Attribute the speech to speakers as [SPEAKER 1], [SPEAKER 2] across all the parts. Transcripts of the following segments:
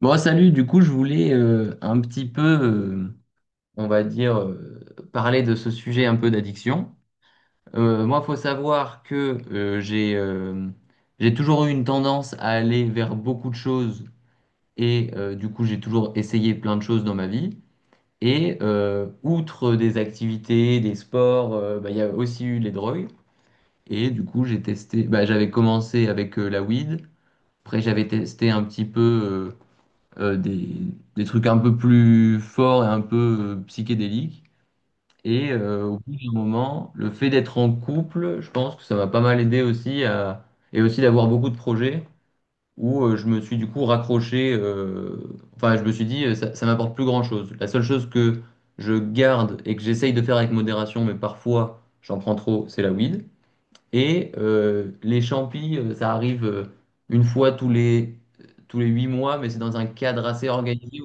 [SPEAKER 1] Bon, salut, du coup, je voulais un petit peu, on va dire, parler de ce sujet un peu d'addiction. Moi, il faut savoir que j'ai toujours eu une tendance à aller vers beaucoup de choses et du coup, j'ai toujours essayé plein de choses dans ma vie. Et outre des activités, des sports, bah, il y a aussi eu les drogues. Et du coup, j'ai testé, bah, j'avais commencé avec la weed. Après, j'avais testé un petit peu. euh, euh, des, des trucs un peu plus forts et un peu psychédéliques. Et au bout d'un moment, le fait d'être en couple, je pense que ça m'a pas mal aidé aussi et aussi d'avoir beaucoup de projets où je me suis du coup raccroché, enfin je me suis dit ça m'apporte plus grand-chose. La seule chose que je garde et que j'essaye de faire avec modération, mais parfois j'en prends trop, c'est la weed. Et les champis, ça arrive une fois tous les 8 mois, mais c'est dans un cadre assez organisé.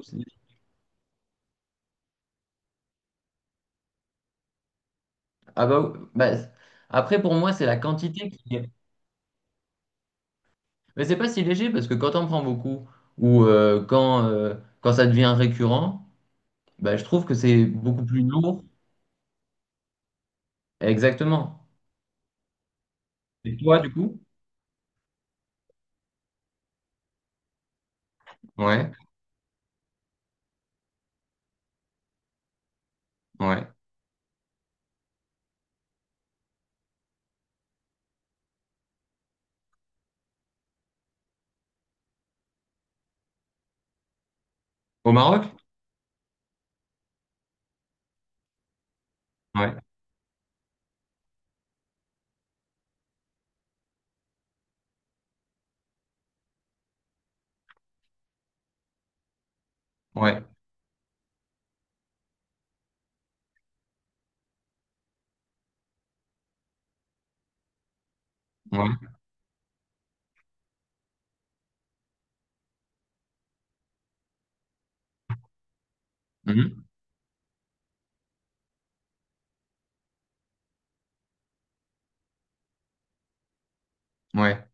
[SPEAKER 1] Ah bah, après pour moi c'est la quantité qui est... Mais c'est pas si léger parce que quand on prend beaucoup ou euh, quand, euh, quand ça devient récurrent, bah, je trouve que c'est beaucoup plus lourd. Exactement. Et toi du coup? Ouais, ouais. Au Maroc? Ouais, ouais, ouais. Mhm. Ouais.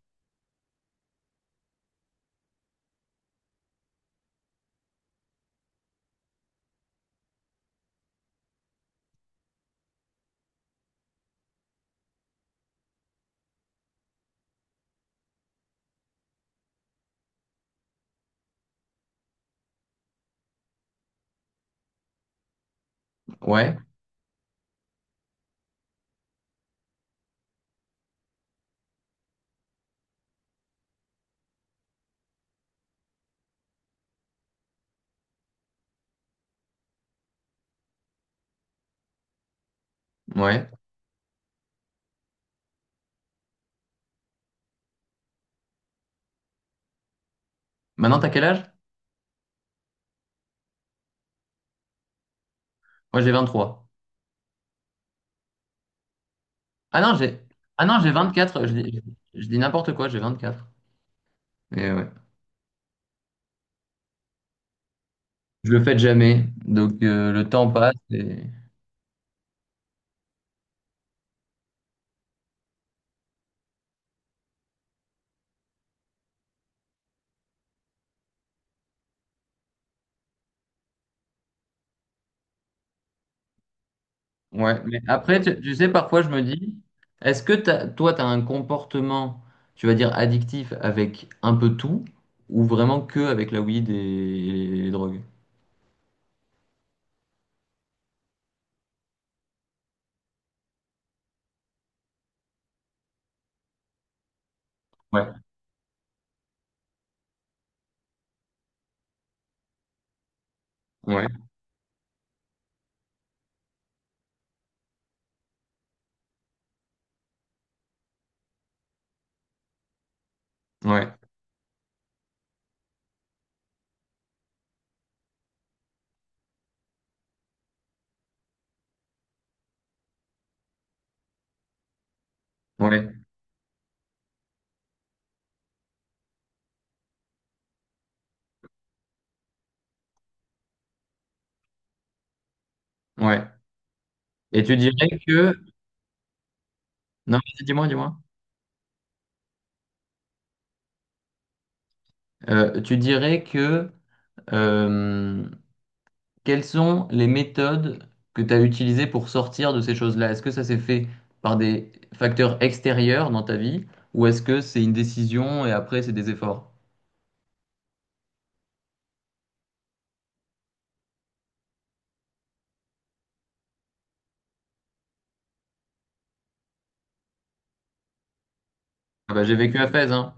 [SPEAKER 1] Ouais, ouais. Maintenant t'as quel âge? Moi j'ai 23 Ah non, j'ai ah non, j'ai 24, je dis n'importe quoi, j'ai 24. Et ouais. Je le fais jamais, donc le temps passe et... Ouais, mais après, tu sais, parfois je me dis, toi, tu as un comportement, tu vas dire, addictif avec un peu tout, ou vraiment que avec la weed et les drogues? Ouais, ouais, ouais, ouais, ouais. Et tu dirais que... Non, vas-y, dis-moi, dis-moi. Tu dirais que... euh, quelles sont les méthodes que tu as utilisées pour sortir de ces choses-là? Est-ce que ça s'est fait par des facteurs extérieurs dans ta vie, ou est-ce que c'est une décision et après c'est des efforts? Ah bah j'ai vécu à Fès, hein.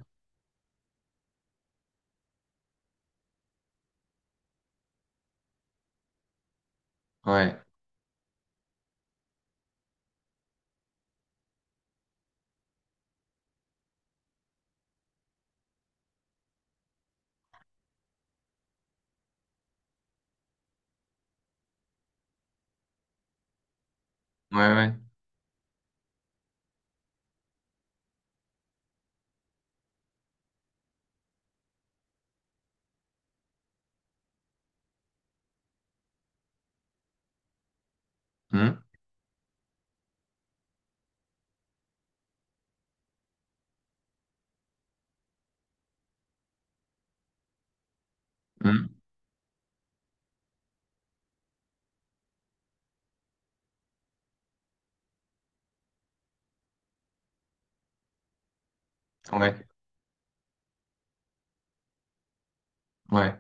[SPEAKER 1] Ouais, ouais, ouais. Hum, hum. Ouais, ouais.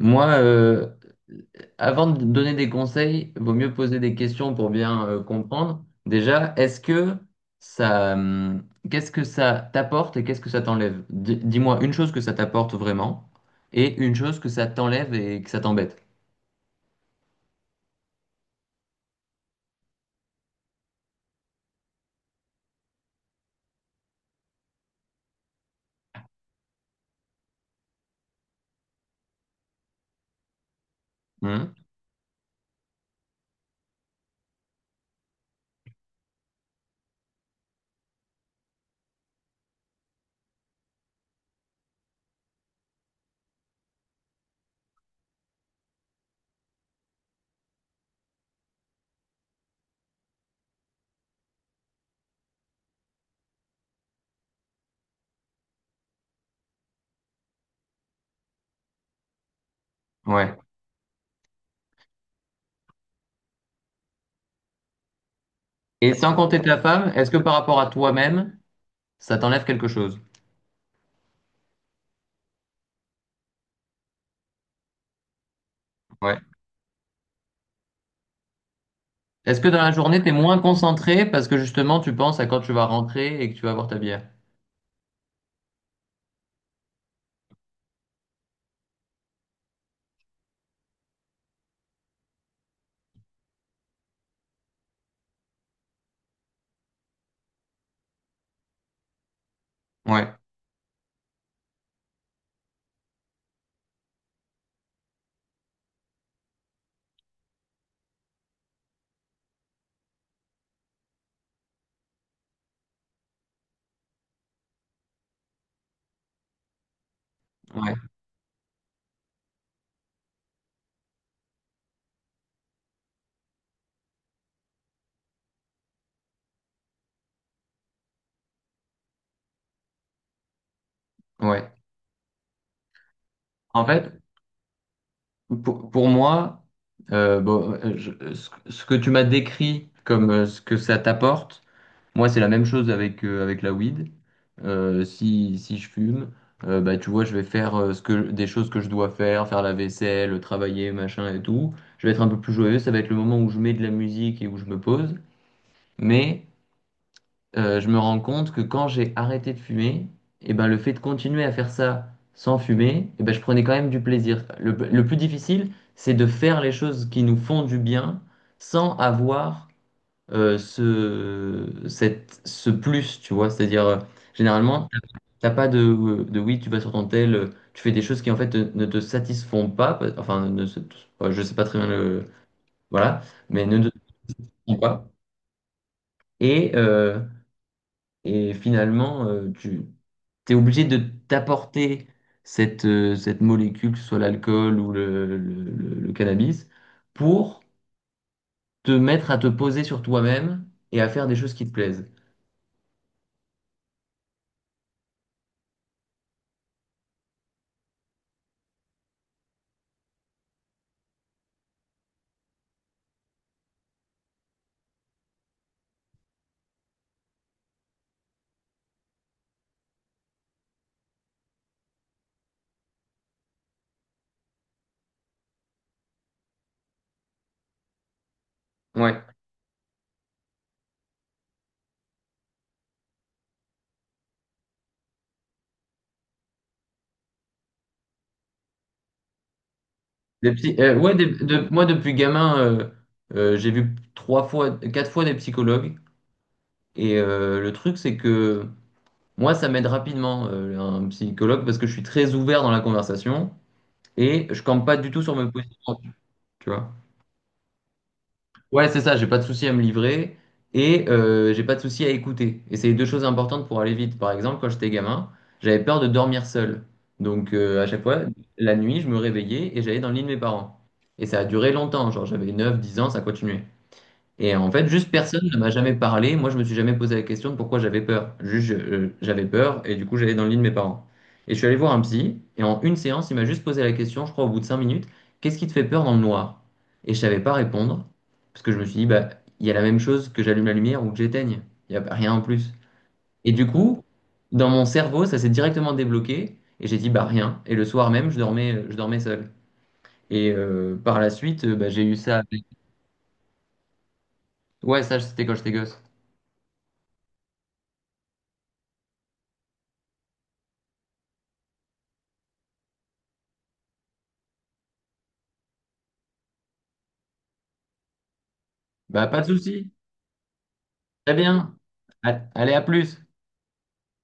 [SPEAKER 1] Moi, avant de donner des conseils, vaut mieux poser des questions pour bien comprendre. Déjà, ça, hum, qu'est-ce que ça t'apporte et qu'est-ce que ça t'enlève? Dis-moi une chose que ça t'apporte vraiment et une chose que ça t'enlève et que ça t'embête. Hum. Ouais. Et sans compter ta femme, est-ce que par rapport à toi-même, ça t'enlève quelque chose? Est-ce que dans la journée, t'es moins concentré parce que justement, tu penses à quand tu vas rentrer et que tu vas boire ta bière? Ouais, ouais, ouais. En fait, pour moi, bon, ce que tu m'as décrit comme ce que ça t'apporte, moi, c'est la même chose avec la weed. Si je fume, bah, tu vois, je vais faire des choses que je dois faire, faire la vaisselle, travailler, machin et tout. Je vais être un peu plus joyeux. Ça va être le moment où je mets de la musique et où je me pose. Mais je me rends compte que quand j'ai arrêté de fumer, et ben, le fait de continuer à faire ça sans fumer, et ben, je prenais quand même du plaisir. Le plus difficile, c'est de faire les choses qui nous font du bien sans avoir ce plus, tu vois. C'est-à-dire, généralement, t'as pas de oui, tu vas sur ton tel, tu fais des choses qui en fait ne te satisfont pas, enfin, ne se- je sais pas très bien le... Voilà, mais ne te satisfont pas. Et... et finalement, tu es obligé de t'apporter cette molécule, que ce soit l'alcool ou le cannabis, pour te mettre à te poser sur toi-même et à faire des choses qui te plaisent. Ouais. Ouais, moi, depuis gamin, j'ai vu trois fois, quatre fois des psychologues. Et le truc, c'est que moi, ça m'aide rapidement, un psychologue, parce que je suis très ouvert dans la conversation et je campe pas du tout sur mes positions, tu vois. Ouais, c'est ça, j'ai pas de souci à me livrer et j'ai pas de souci à écouter. Et c'est les deux choses importantes pour aller vite. Par exemple, quand j'étais gamin, j'avais peur de dormir seul. Donc à chaque fois, la nuit, je me réveillais et j'allais dans le lit de mes parents. Et ça a duré longtemps, genre j'avais 9, 10 ans, ça continuait. Et en fait, juste personne ne m'a jamais parlé. Moi, je me suis jamais posé la question de pourquoi j'avais peur. Juste, j'avais peur et du coup, j'allais dans le lit de mes parents. Et je suis allé voir un psy et en une séance, il m'a juste posé la question, je crois au bout de 5 minutes, qu'est-ce qui te fait peur dans le noir? Et je savais pas répondre parce que je me suis dit, bah, il y a la même chose que j'allume la lumière ou que j'éteigne. Il y a rien en plus. Et du coup, dans mon cerveau, ça s'est directement débloqué et j'ai dit, bah, rien. Et le soir même, je dormais seul. Et par la suite, bah, j'ai eu ça. Ouais, ça, c'était quand j'étais gosse. Bah, pas de souci. Très bien. Allez, à plus.